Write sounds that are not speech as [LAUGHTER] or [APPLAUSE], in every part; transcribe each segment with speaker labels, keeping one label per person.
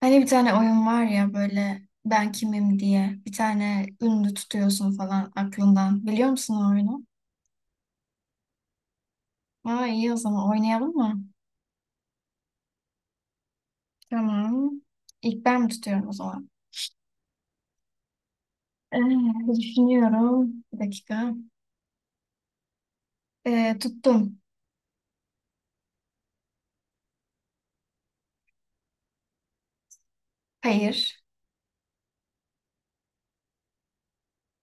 Speaker 1: Hani bir tane oyun var ya, böyle "ben kimim" diye bir tane ünlü tutuyorsun falan aklından. Biliyor musun o oyunu? Aa, iyi, o zaman oynayalım mı? Tamam. İlk ben mi tutuyorum o zaman? Ee, düşünüyorum. Bir dakika. Tuttum. Hayır.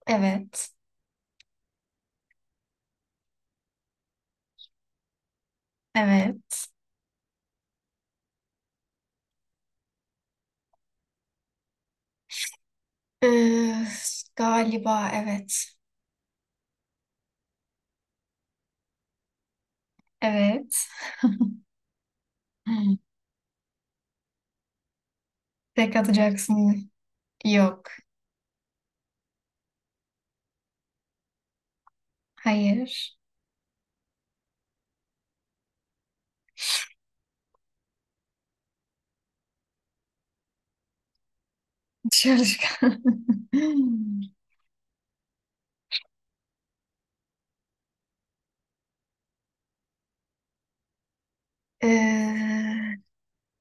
Speaker 1: Evet. Evet. Ee, galiba evet. Evet. Hmm. Tek atacaksın. Yok. Hayır. Dışarı çık. [LAUGHS] Ee,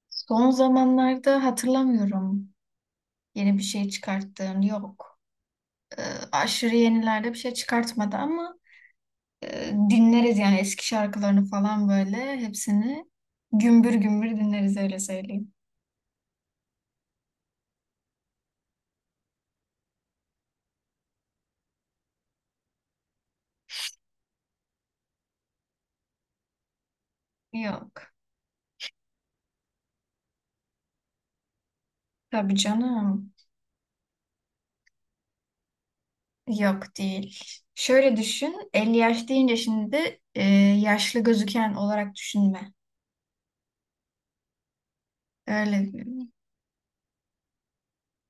Speaker 1: son zamanlarda hatırlamıyorum yeni bir şey çıkarttığını, yok. Ee, aşırı yenilerde bir şey çıkartmadı ama dinleriz yani, eski şarkılarını falan böyle hepsini gümbür gümbür dinleriz, öyle söyleyeyim. Yok. Tabii canım. Yok değil. Şöyle düşün, 50 yaş deyince şimdi yaşlı gözüken olarak düşünme. Öyle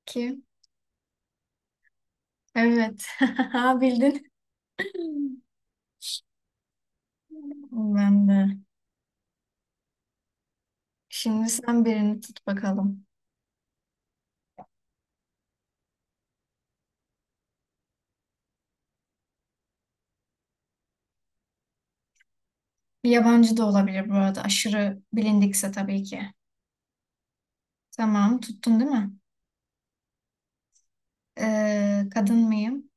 Speaker 1: ki. Evet. [LAUGHS] Bildin. Ben de. Şimdi sen birini tut bakalım. Bir yabancı da olabilir bu arada. Aşırı bilindikse tabii ki. Tamam, tuttun değil mi? Kadın mıyım?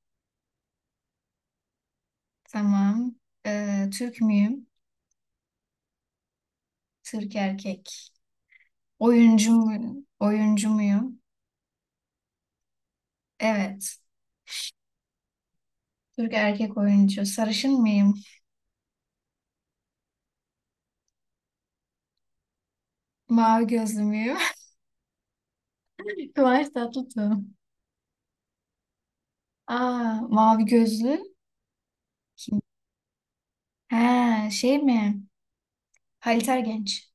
Speaker 1: Tamam. Türk müyüm? Türk erkek. Oyuncu muyum? Oyuncu muyum? Evet. Türk erkek oyuncu. Sarışın mıyım? Mavi gözlü müyüm? [LAUGHS] Kıvanç Tatlıtuğ. Aa, mavi gözlü kim? He, şey mi? Halit Ergenç.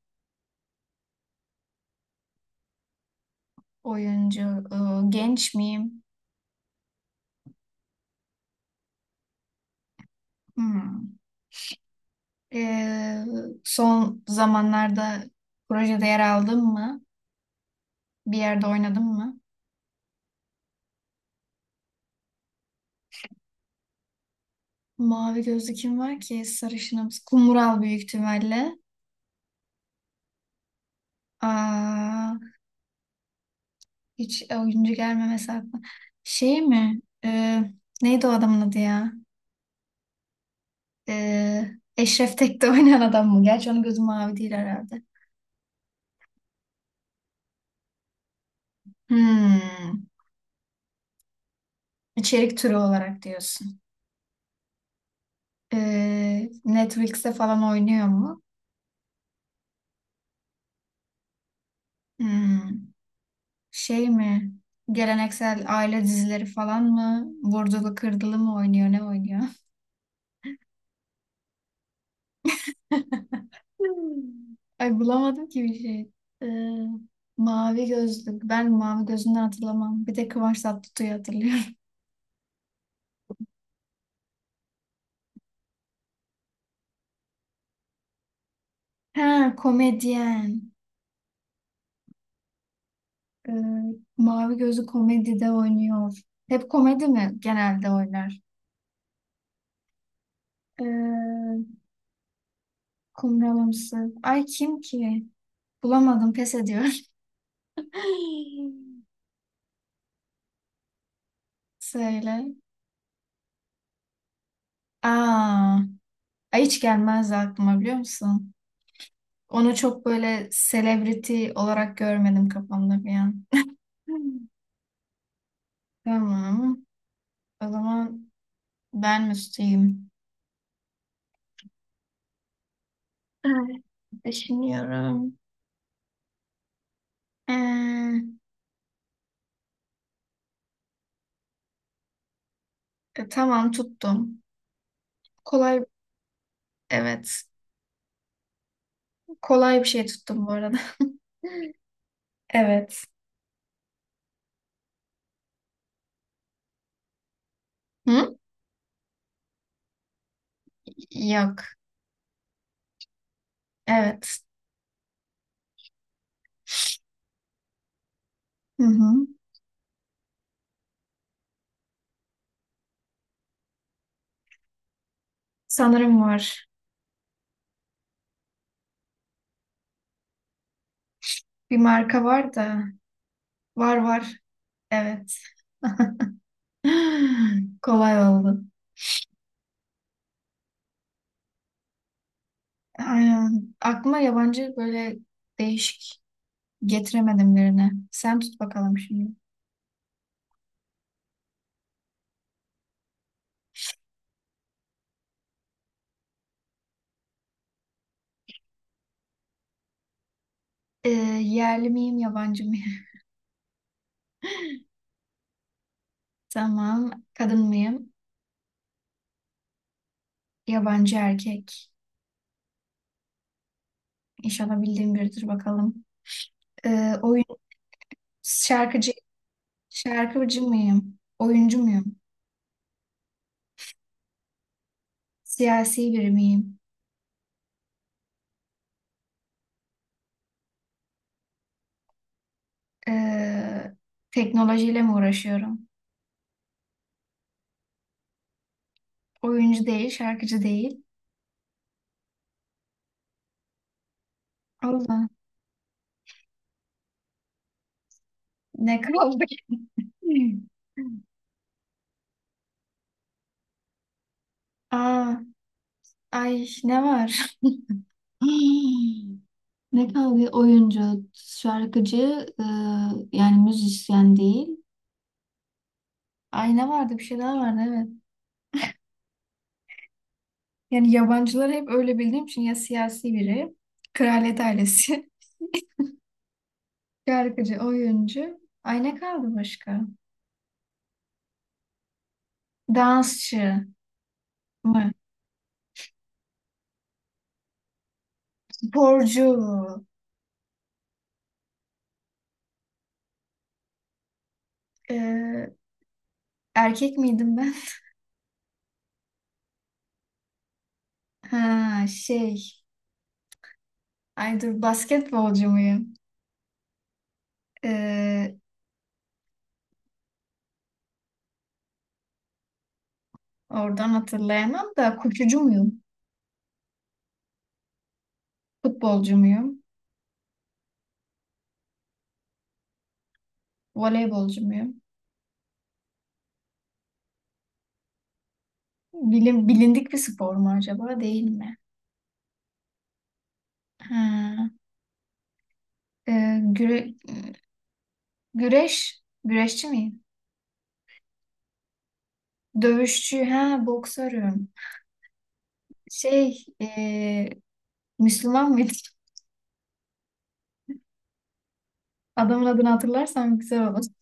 Speaker 1: Oyuncu. Ee, genç miyim? Hmm. Ee, son zamanlarda projede yer aldın mı? Bir yerde oynadın mı? Mavi gözlü kim var ki? Sarışınımız. Kumral büyük ihtimalle. Aa, hiç oyuncu gelmemesi aklıma. Şey mi? Neydi o adamın adı ya? Ee, Eşref Tek'te [LAUGHS] oynayan adam mı? Gerçi onun gözü mavi değil herhalde. Hmm. İçerik türü olarak diyorsun. Netflix'te falan oynuyor mu? Hmm. Şey mi? Geleneksel aile dizileri falan mı? Vurdulu kırdılı mı oynuyor? Ne oynuyor? [LAUGHS] Hmm. Ay, bulamadım ki bir şey. Ee, mavi gözlük. Ben mavi gözünden hatırlamam. Bir de Kıvanç Tatlıtuğ'u hatırlıyorum. [LAUGHS] Ha, komedyen. Ee, mavi gözlü komedide oynuyor. Hep komedi mi genelde oynar? Ee, kumralımsı. Ay, kim ki? Bulamadım, pes ediyor. [LAUGHS] Söyle. Aa. Ay, hiç gelmezdi aklıma, biliyor musun? Onu çok böyle celebrity olarak görmedim kafamda bir an. Hmm. Tamam. O zaman ben müsteyim. Evet, düşünüyorum. Ee, tamam, tuttum. Kolay, evet. Kolay bir şey tuttum bu arada. [LAUGHS] Evet. Hı? Yok. Evet. Hı hı. Sanırım var. Bir marka var da. Var var. Evet. [GASPS] Kolay oldu. Aynen. Aklıma yabancı böyle değişik getiremedim birine. Sen tut bakalım şimdi. Ee, yerli miyim, yabancı mıyım? [LAUGHS] Tamam. Kadın mıyım? Yabancı erkek. İnşallah bildiğim biridir bakalım. Oyun şarkıcı şarkıcı mıyım? Oyuncu muyum? Siyasi biri miyim? Ee, teknolojiyle mi uğraşıyorum? Oyuncu değil, şarkıcı değil. Allah, ne kaldı ki? [LAUGHS] Aa, ay ne var? [LAUGHS] [GASPS] Hmm. Ne kadar bir oyuncu, şarkıcı, e, yani müzisyen değil. Ayna vardı, bir şey daha vardı, evet. Yani yabancıları hep öyle bildiğim için, ya siyasi biri, kraliyet ailesi, [LAUGHS] şarkıcı, oyuncu. Ay, ne kaldı başka? Dansçı mı? Sporcu. Ee, erkek miydim ben? [LAUGHS] Ha, şey. Ay, dur, basketbolcu muyum? Ee, oradan hatırlayamam da koşucu muyum? Futbolcu muyum? Voleybolcu muyum? Bilin, bilindik bir spor mu acaba? Değil mi? Ha, e, güre- güreş, güreşçi miyim? Dövüşçü, ha, boksörüm. Şey, e, Müslüman mıydım? [LAUGHS] Adamın adını hatırlarsam güzel olur. [LAUGHS]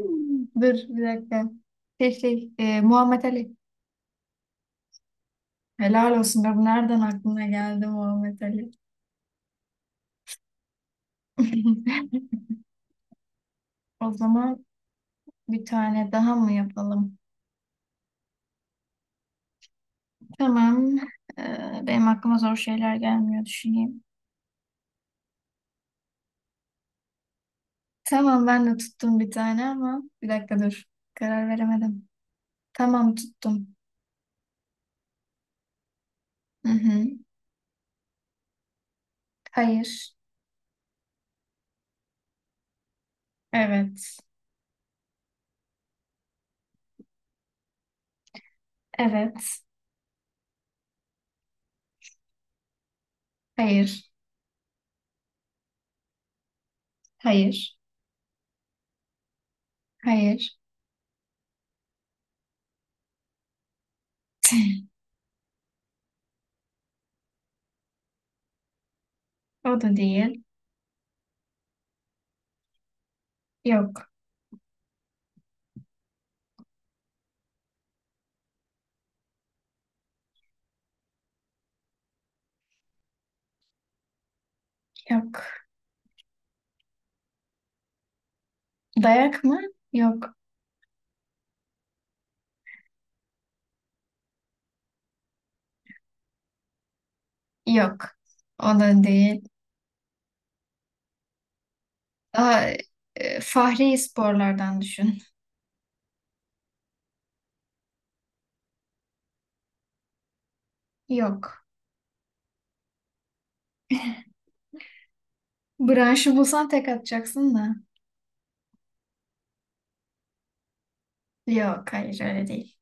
Speaker 1: Hmm, dur bir dakika. Muhammed Ali. Helal olsun be, bu nereden aklına geldi Muhammed Ali? [LAUGHS] O zaman bir tane daha mı yapalım? Tamam. Benim aklıma zor şeyler gelmiyor, düşüneyim. Tamam, ben de tuttum bir tane ama bir dakika dur. Karar veremedim. Tamam, tuttum. Hı hı. Hayır. Evet. Evet. Hayır. Hayır. Hayır. [LAUGHS] O da değil. Yok. Yok. Dayak mı? Yok. Yok. O da değil. Daha fahri sporlardan düşün. Yok. Branşı bulsan tek atacaksın da. Yok. Hayır, öyle değil.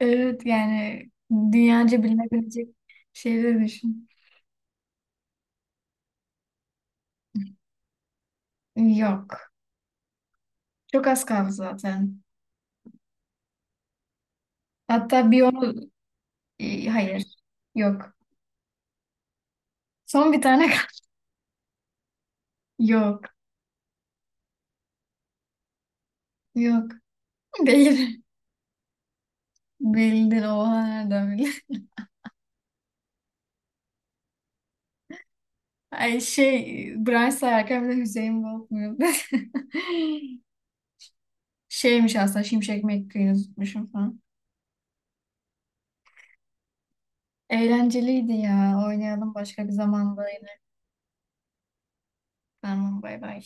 Speaker 1: Evet, yani dünyaca bilinebilecek şeyleri düşün. Yok. Çok az kaldı zaten. Hatta bir onu... Hayır. Yok. Son bir tane kaldı. [LAUGHS] Yok. Yok. Değil. Bildin. Oha, nereden bildin? [LAUGHS] Ay şey, Brian sayarken, bir de Hüseyin Bolt muydu? [LAUGHS] Şeymiş aslında, Şimşek McQueen'i tutmuşum falan. Eğlenceliydi ya. Oynayalım başka bir zamanda yine. Tamam, bay bay.